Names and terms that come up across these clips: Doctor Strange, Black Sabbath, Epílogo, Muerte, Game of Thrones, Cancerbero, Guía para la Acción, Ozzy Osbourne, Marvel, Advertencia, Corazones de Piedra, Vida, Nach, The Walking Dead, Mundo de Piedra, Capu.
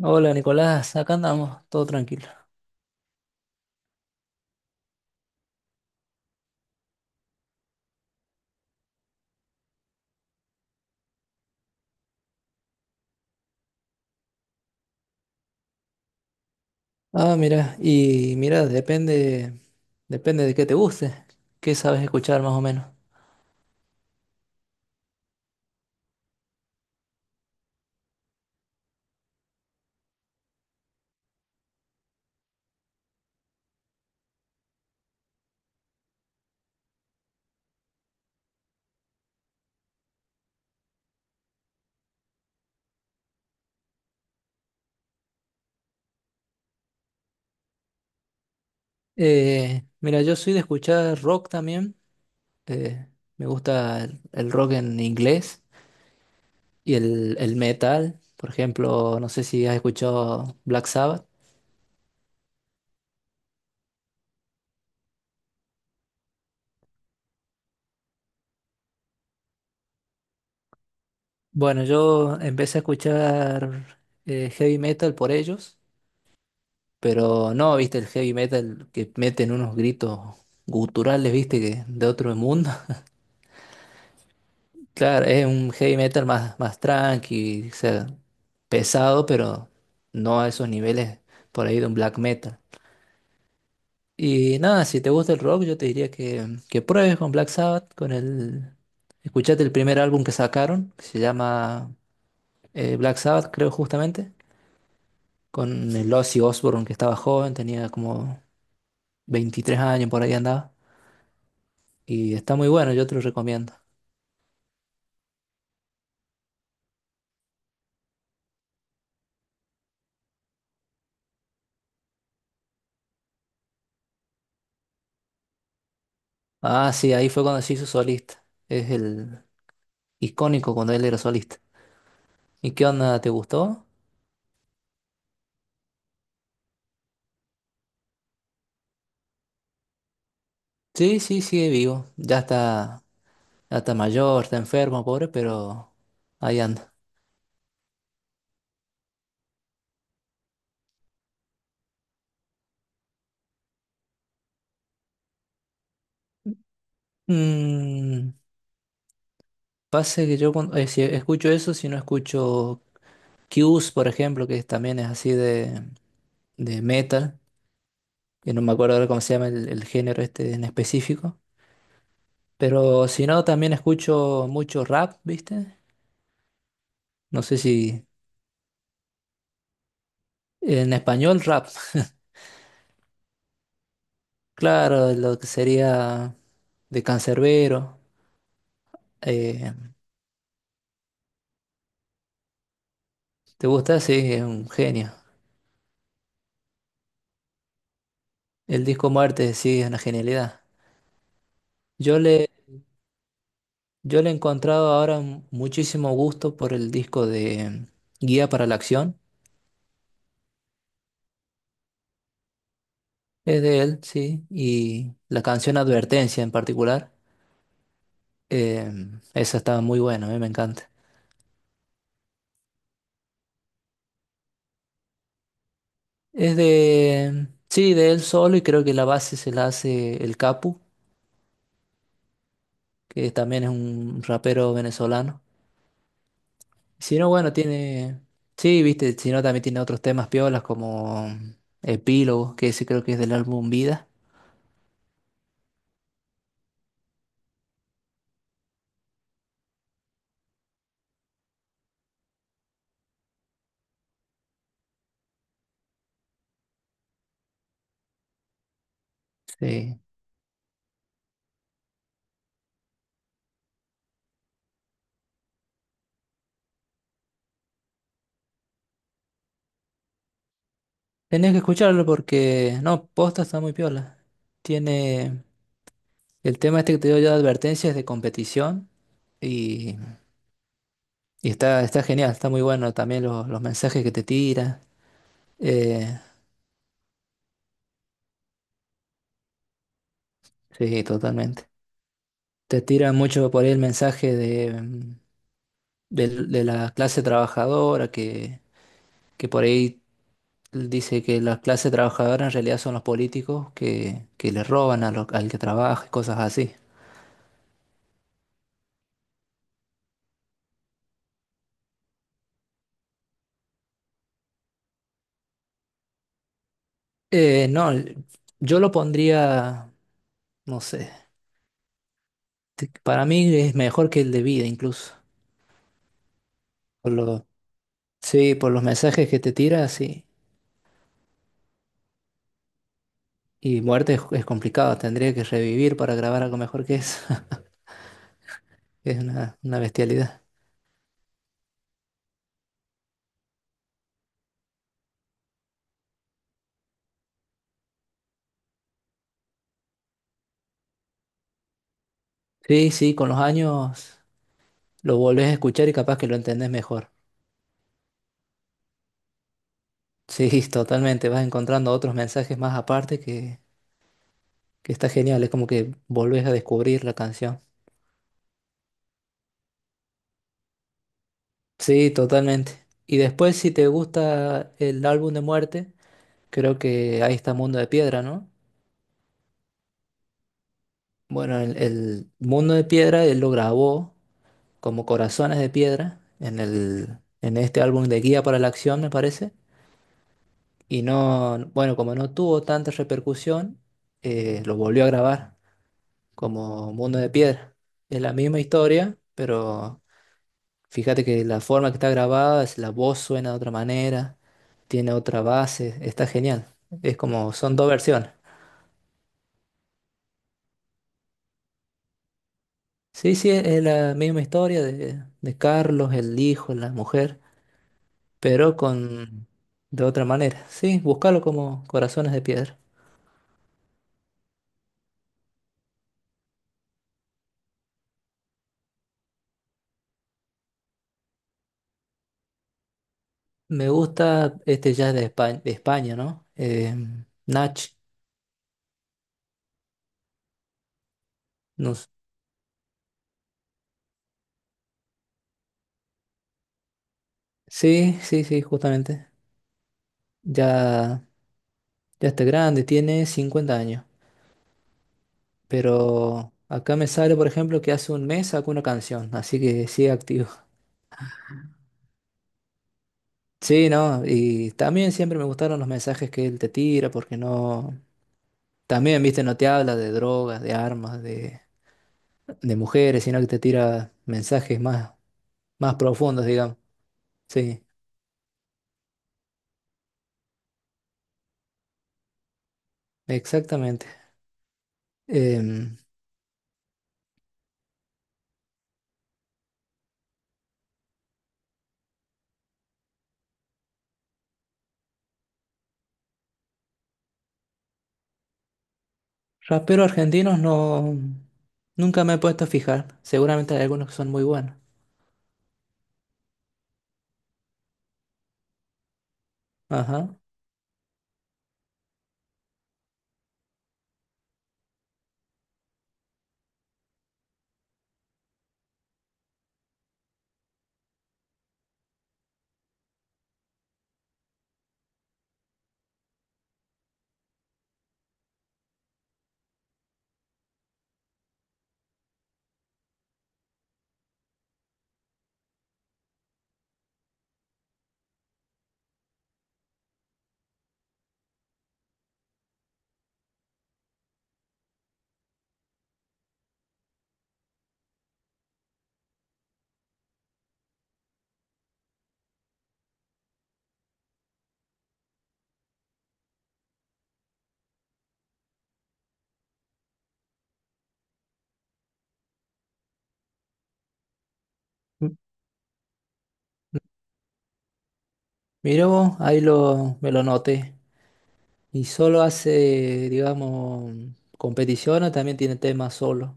Hola Nicolás, acá andamos, todo tranquilo. Ah, mira, y mira, depende de qué te guste, qué sabes escuchar más o menos. Mira, yo soy de escuchar rock también, eh, me gusta el rock en inglés y el metal, por ejemplo, no sé si has escuchado Black Sabbath. Bueno, yo empecé a escuchar heavy metal por ellos, pero no, viste, el heavy metal que meten unos gritos guturales, viste, que de otro mundo. Claro, es un heavy metal más, más tranqui, o sea, pesado, pero no a esos niveles por ahí de un black metal. Y nada, si te gusta el rock, yo te diría que pruebes con Black Sabbath, con el... Escuchate el primer álbum que sacaron, que se llama Black Sabbath, creo justamente, con el Ozzy Osbourne, que estaba joven, tenía como 23 años, por ahí andaba. Y está muy bueno, yo te lo recomiendo. Ah, sí, ahí fue cuando se hizo solista. Es el icónico cuando él era solista. ¿Y qué onda? ¿Te gustó? Sí, sí, sigue vivo. Ya está mayor, está enfermo, pobre, pero ahí anda. Mm, pasa que yo cuando, si escucho eso, si no escucho Q's, por ejemplo, que también es así de metal, que no me acuerdo ahora cómo se llama el género este en específico. Pero si no, también escucho mucho rap, ¿viste? No sé si en español rap. Claro, lo que sería de Cancerbero, eh, ¿te gusta? Sí, es un genio. El disco Muerte, sí, es una genialidad. Yo le, yo le he encontrado ahora muchísimo gusto por el disco de Guía para la Acción. Es de él, sí. Y la canción Advertencia en particular. eh, Esa está muy buena, a mí me encanta. Es de, sí, de él solo y creo que la base se la hace el Capu, que también es un rapero venezolano. Si no, bueno, tiene. Sí, viste, si no, también tiene otros temas piolas como Epílogo, que ese creo que es del álbum Vida. Sí. Tenés que escucharlo porque. No, posta está muy piola. Tiene. El tema este que te dio yo de advertencias de competición. Y, y está, está genial, está muy bueno también los mensajes que te tira. Eh, sí, totalmente. Te tira mucho por ahí el mensaje de, de la clase trabajadora que por ahí él dice que la clase trabajadora en realidad son los políticos que le roban a al que trabaja y cosas así. No, yo lo pondría, no sé, para mí es mejor que el de vida incluso. Por lo, sí, por los mensajes que te tira, sí. Y muerte es complicado, tendría que revivir para grabar algo mejor que eso. Es una bestialidad. Sí, sí, con los años lo volvés a escuchar y capaz que lo entendés mejor. Sí, totalmente, vas encontrando otros mensajes más aparte que está genial, es como que volvés a descubrir la canción. Sí, totalmente. Y después, si te gusta el álbum de Muerte, creo que ahí está Mundo de Piedra, ¿no? Bueno, el Mundo de Piedra él lo grabó como Corazones de Piedra en el, en este álbum de Guía para la Acción, me parece. Y no, bueno, como no tuvo tanta repercusión, lo volvió a grabar como Mundo de Piedra. Es la misma historia, pero fíjate que la forma que está grabada, es la voz suena de otra manera, tiene otra base, está genial. Es como, son dos versiones. Sí, sí, es la misma historia de Carlos, el hijo, la mujer, pero con de otra manera. Sí, búscalo como Corazones de Piedra. Me gusta este jazz de España, ¿no? Nach. No s- Sí, sí, sí, justamente. Ya, ya está grande, tiene 50 años. Pero acá me sale, por ejemplo, que hace un mes sacó una canción, así que sigue activo. Sí, ¿no? Y también siempre me gustaron los mensajes que él te tira, porque no... También, viste, no te habla de drogas, de armas, de mujeres, sino que te tira mensajes más, más profundos, digamos. Sí, exactamente. Em, Raperos argentinos no... Nunca me he puesto a fijar. Seguramente hay algunos que son muy buenos. Ajá. M- Mira vos, ahí lo, me lo noté. ¿Y solo hace, digamos, competición o también tiene temas solo?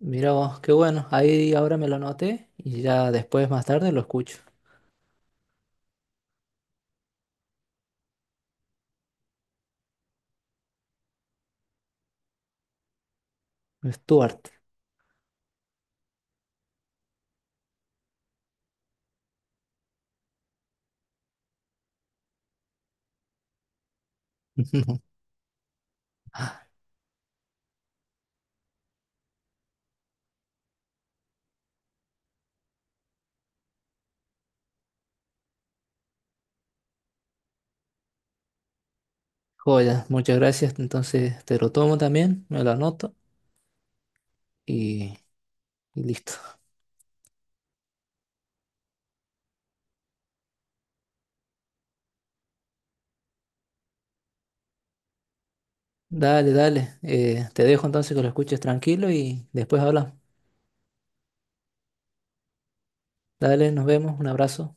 Mira vos, qué bueno. Ahí ahora me lo anoté y ya después, más tarde, lo escucho. Stuart. Joya, muchas gracias. Entonces te lo tomo también, me lo anoto y, y listo. Dale, dale. Te dejo entonces que lo escuches tranquilo y después hablamos. Dale, nos vemos. Un abrazo.